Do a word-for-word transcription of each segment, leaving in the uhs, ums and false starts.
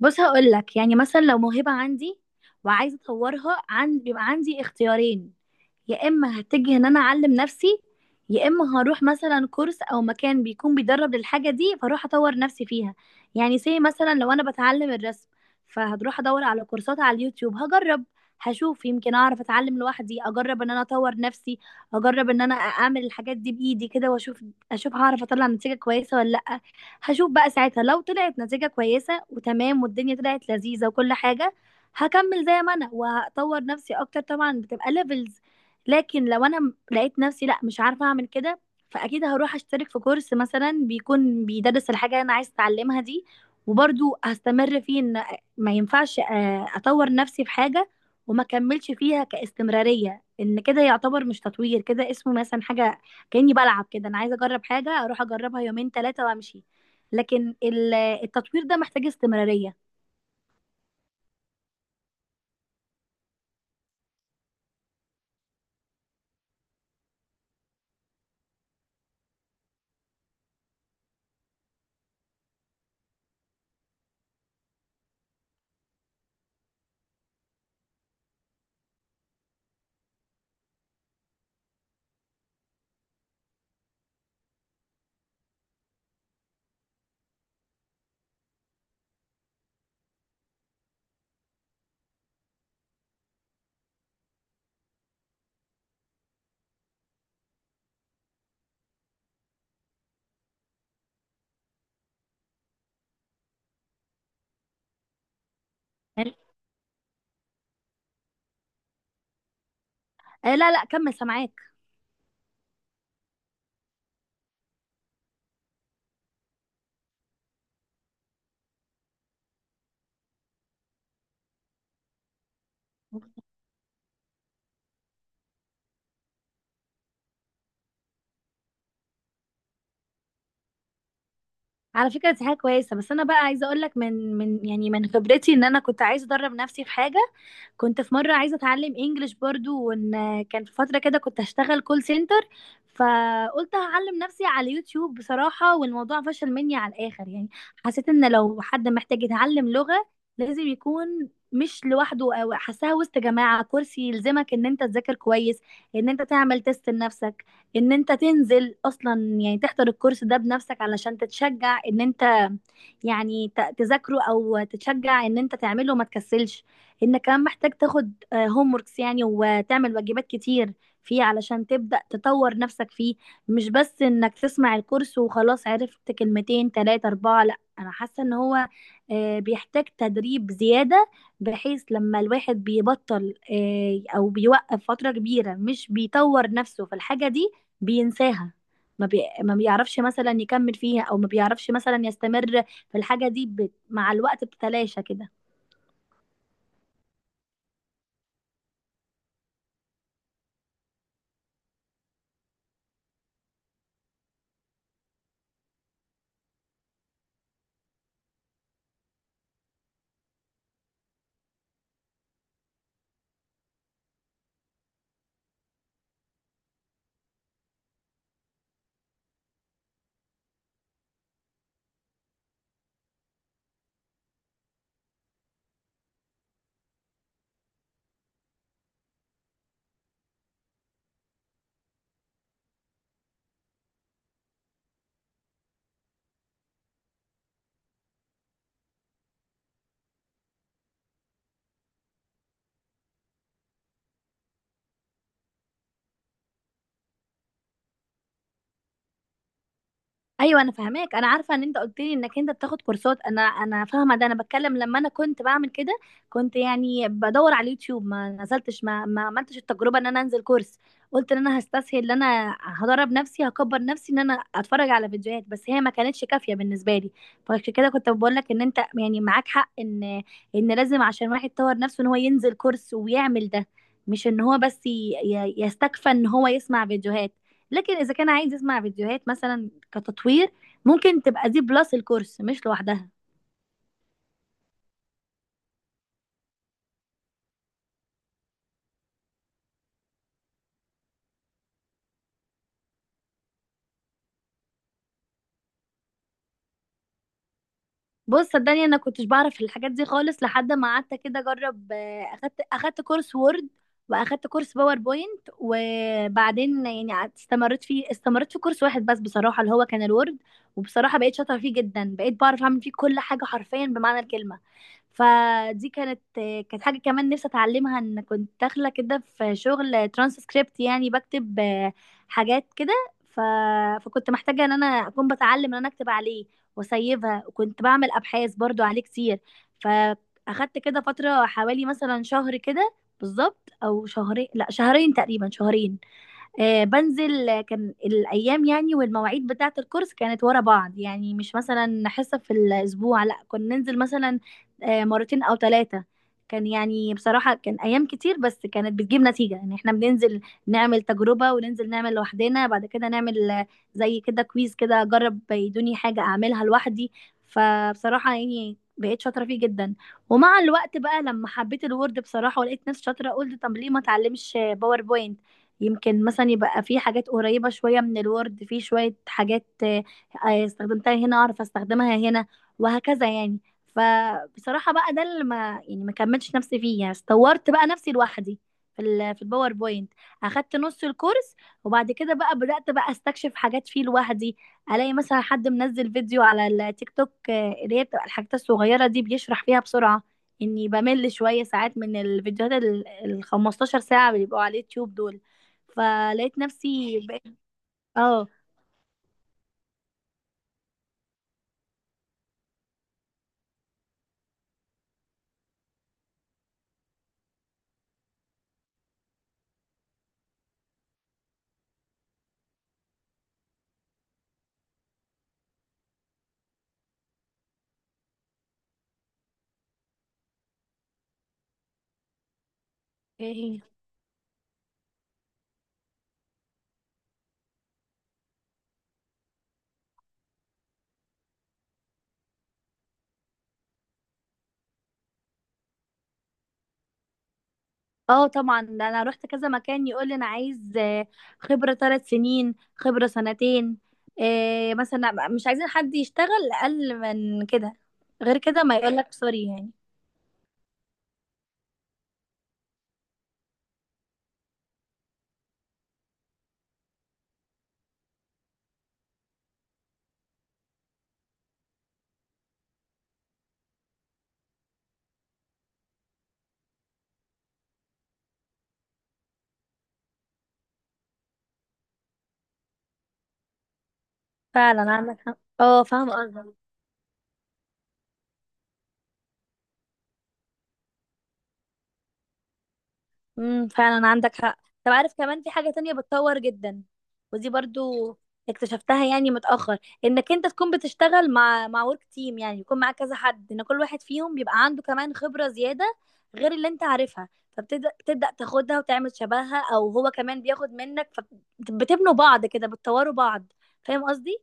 بص، هقول لك يعني مثلا لو موهبة عندي وعايزة اطورها. عن بيبقى عندي اختيارين، يا اما هتجه ان انا اعلم نفسي، يا اما هروح مثلا كورس او مكان بيكون بيدرب للحاجه دي فاروح اطور نفسي فيها. يعني زي مثلا لو انا بتعلم الرسم فهروح ادور على كورسات على اليوتيوب، هجرب هشوف يمكن اعرف اتعلم لوحدي، اجرب ان انا اطور نفسي، اجرب ان انا اعمل الحاجات دي بايدي كده واشوف اشوف هعرف اطلع نتيجه كويسه ولا لا. هشوف بقى ساعتها، لو طلعت نتيجه كويسه وتمام والدنيا طلعت لذيذه وكل حاجه هكمل زي ما انا وهطور نفسي اكتر، طبعا بتبقى ليفلز. لكن لو انا م- لقيت نفسي لا، مش عارفه اعمل كده، فاكيد هروح اشترك في كورس مثلا بيكون بيدرس الحاجه اللي انا عايز اتعلمها دي، وبرضو هستمر فيه. ان ما ينفعش آه، اطور نفسي في حاجه وما كملش فيها كاستمراريه، ان كده يعتبر مش تطوير، كده اسمه مثلا حاجه كاني بلعب كده. انا عايزه اجرب حاجه اروح اجربها يومين ثلاثه وامشي، لكن ال- التطوير ده محتاج استمراريه. آه، لا لا، كمل سامعاك. على فكرة دي حاجة كويسة، بس أنا بقى عايزة أقولك من من يعني من خبرتي، إن أنا كنت عايزة أدرب نفسي في حاجة، كنت في مرة عايزة اتعلم انجليش برضو. وان كان في فترة كده كنت هشتغل كول سنتر، فقلت هعلم نفسي على يوتيوب بصراحة، والموضوع فشل مني على الاخر يعني. حسيت ان لو حد محتاج يتعلم لغة، لازم يكون مش لوحده، او حاساها وسط جماعة كورس يلزمك ان انت تذاكر كويس، ان انت تعمل تيست لنفسك، ان انت تنزل اصلا يعني تحضر الكورس ده بنفسك علشان تتشجع ان انت يعني ت- تذاكره، او تتشجع ان انت تعمله ما تكسلش. انك كمان محتاج تاخد هوم وركس يعني، وتعمل واجبات كتير فيه علشان تبدأ تطور نفسك فيه، مش بس انك تسمع الكورس وخلاص عرفت كلمتين تلاتة اربعة. لا، انا حاسة ان هو آه، بيحتاج تدريب زيادة، بحيث لما الواحد بيبطل آه، او بيوقف فترة كبيرة مش بيطور نفسه في الحاجة دي بينساها. ما بي... ما بيعرفش مثلا يكمل فيها، او ما بيعرفش مثلا يستمر في الحاجة دي. بت... مع الوقت بتتلاشى كده. ايوه انا فاهماك، انا عارفه ان انت قلت لي انك انت بتاخد كورسات، انا انا فاهمه ده. انا بتكلم لما انا كنت بعمل كده، كنت يعني بدور على اليوتيوب، ما نزلتش ما ما عملتش التجربه ان انا انزل كورس. قلت ان انا هستسهل ان انا هدرب نفسي، هكبر نفسي ان انا اتفرج على فيديوهات، بس هي ما كانتش كافيه بالنسبه لي. فعشان كده كنت بقول لك ان انت يعني معاك حق، ان ان لازم عشان واحد يطور نفسه ان هو ينزل كورس ويعمل ده، مش ان هو بس ي- ي- يستكفى ان هو يسمع فيديوهات. لكن اذا كان عايز يسمع فيديوهات مثلا كتطوير، ممكن تبقى دي بلس الكورس، مش لوحدها. بص صدقني، انا كنتش بعرف الحاجات دي خالص لحد ما قعدت كده اجرب، آه، اخدت اخدت كورس وورد، واخدت كورس باوربوينت. وبعدين يعني قعدت- استمريت فيه استمريت في كورس واحد بس بصراحة، اللي هو كان الوورد. وبصراحة بقيت شاطرة فيه جدا، بقيت بعرف اعمل فيه كل حاجة حرفيا بمعنى الكلمة. فدي كانت آه، كانت حاجة كمان نفسي اتعلمها، ان كنت داخلة كده في شغل ترانسكريبت يعني بكتب آه، حاجات كده. ف... فكنت محتاجة ان انا اكون بتعلم ان انا اكتب عليه واسيبها، وكنت بعمل ابحاث برضو عليه كتير. فاخدت كده فتره حوالي مثلا شهر كده بالظبط، او شهرين، لا شهرين تقريبا، شهرين. آه، بنزل آه، كان الايام يعني والمواعيد بتاعه الكورس كانت ورا بعض، يعني مش مثلا حصه في الاسبوع، لا كنا ننزل مثلا آه، مرتين او ثلاثه. كان يعني بصراحه كان ايام كتير، بس كانت بتجيب نتيجه، يعني احنا بننزل نعمل تجربه، وننزل نعمل لوحدنا، بعد كده نعمل آه، زي كده كويز كده، اجرب يدوني حاجه اعملها لوحدي. فبصراحه يعني بقيت شاطره فيه جدا. ومع الوقت بقى لما حبيت الوورد بصراحه ولقيت نفسي شاطره، قلت طب ليه ما اتعلمش باوربوينت. يمكن مثلا يبقى في حاجات قريبة شوية من الوورد، في شوية حاجات آه، آه، استخدمتها هنا اعرف استخدمها هنا، وهكذا يعني. فبصراحة بقى ده اللي ما يعني ما كملتش نفسي فيه، يعني استورت بقى نفسي لوحدي في ال في الباوربوينت. اخدت نص الكورس، وبعد كده بقى بدأت بقى استكشف حاجات فيه لوحدي. الاقي مثلا حد منزل فيديو على التيك توك، آه، اللي هي بتبقى الحاجات الصغيرة دي بيشرح فيها بسرعة، اني بمل شوية ساعات من الفيديوهات ال ال خمستاشر ساعة اللي بيبقوا على اليوتيوب دول. فلقيت نفسي بقيت. اه. ايه هي. اه طبعا، ده انا رحت كذا مكان يقول لي انا عايز آه، خبرة ثلاث سنين، خبرة سنتين، آه، مثلا مش عايزين حد يشتغل اقل من كده، غير كده ما يقول لك سوري يعني. فعلا عندك حق، اه فاهمة قصدك. امم فعلا عندك حق. طب عارف كمان في حاجة تانية بتطور جدا، ودي برضو اكتشفتها يعني متأخر، انك انت تكون بتشتغل مع مع ورك تيم، يعني يكون معاك كذا حد، ان كل واحد فيهم بيبقى عنده كمان خبرة زيادة غير اللي انت عارفها، فبتبدأ تبدأ تاخدها وتعمل شبهها، او هو كمان بياخد منك، فبتبنوا بعض كده، بتطوروا بعض. فاهم قصدي؟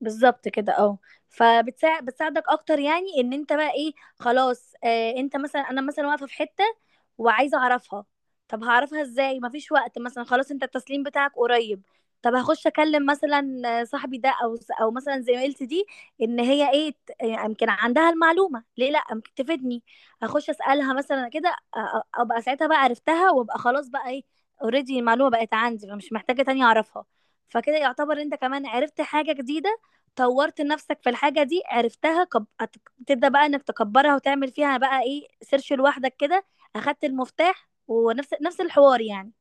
بالظبط كده، اه. فبتساعد بتساعدك اكتر، يعني ان انت بقى ايه، خلاص. آه انت مثلا، انا مثلا واقفه في حته وعايزه اعرفها، طب هعرفها ازاي، مفيش وقت مثلا خلاص، انت التسليم بتاعك قريب. طب هخش اكلم مثلا آه، صاحبي ده، او او مثلا زميلتي دي، ان هي ايه، ت- آه، يمكن عندها المعلومه، ليه لا، يمكن تفيدني. هخش اسالها مثلا كده، آه، آه، ابقى ساعتها بقى عرفتها، وابقى خلاص بقى ايه، اوريدي المعلومه بقت عندي، فمش محتاجه تاني اعرفها. فكده يعتبر انت كمان عرفت حاجه جديده، طورت نفسك في الحاجة دي، عرفتها، كب... هت- تبدأ بقى انك تكبرها، وتعمل فيها بقى ايه سيرش لوحدك كده، اخدت المفتاح، ونفس نفس الحوار يعني.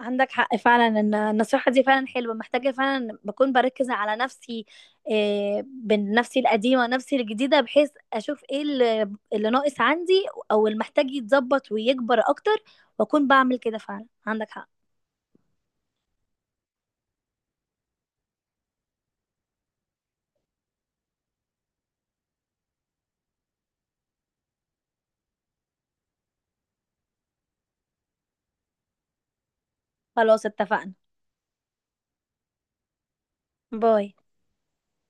عندك حق فعلا، ان النصيحة دي فعلا حلوة، محتاجة فعلا بكون بركز على نفسي، إيه بين نفسي القديمة ونفسي الجديدة، بحيث اشوف ايه اللي, اللي ناقص عندي، او اللي محتاج يتظبط ويكبر اكتر، واكون بعمل كده. فعلا عندك حق، خلاص اتفقنا. باي.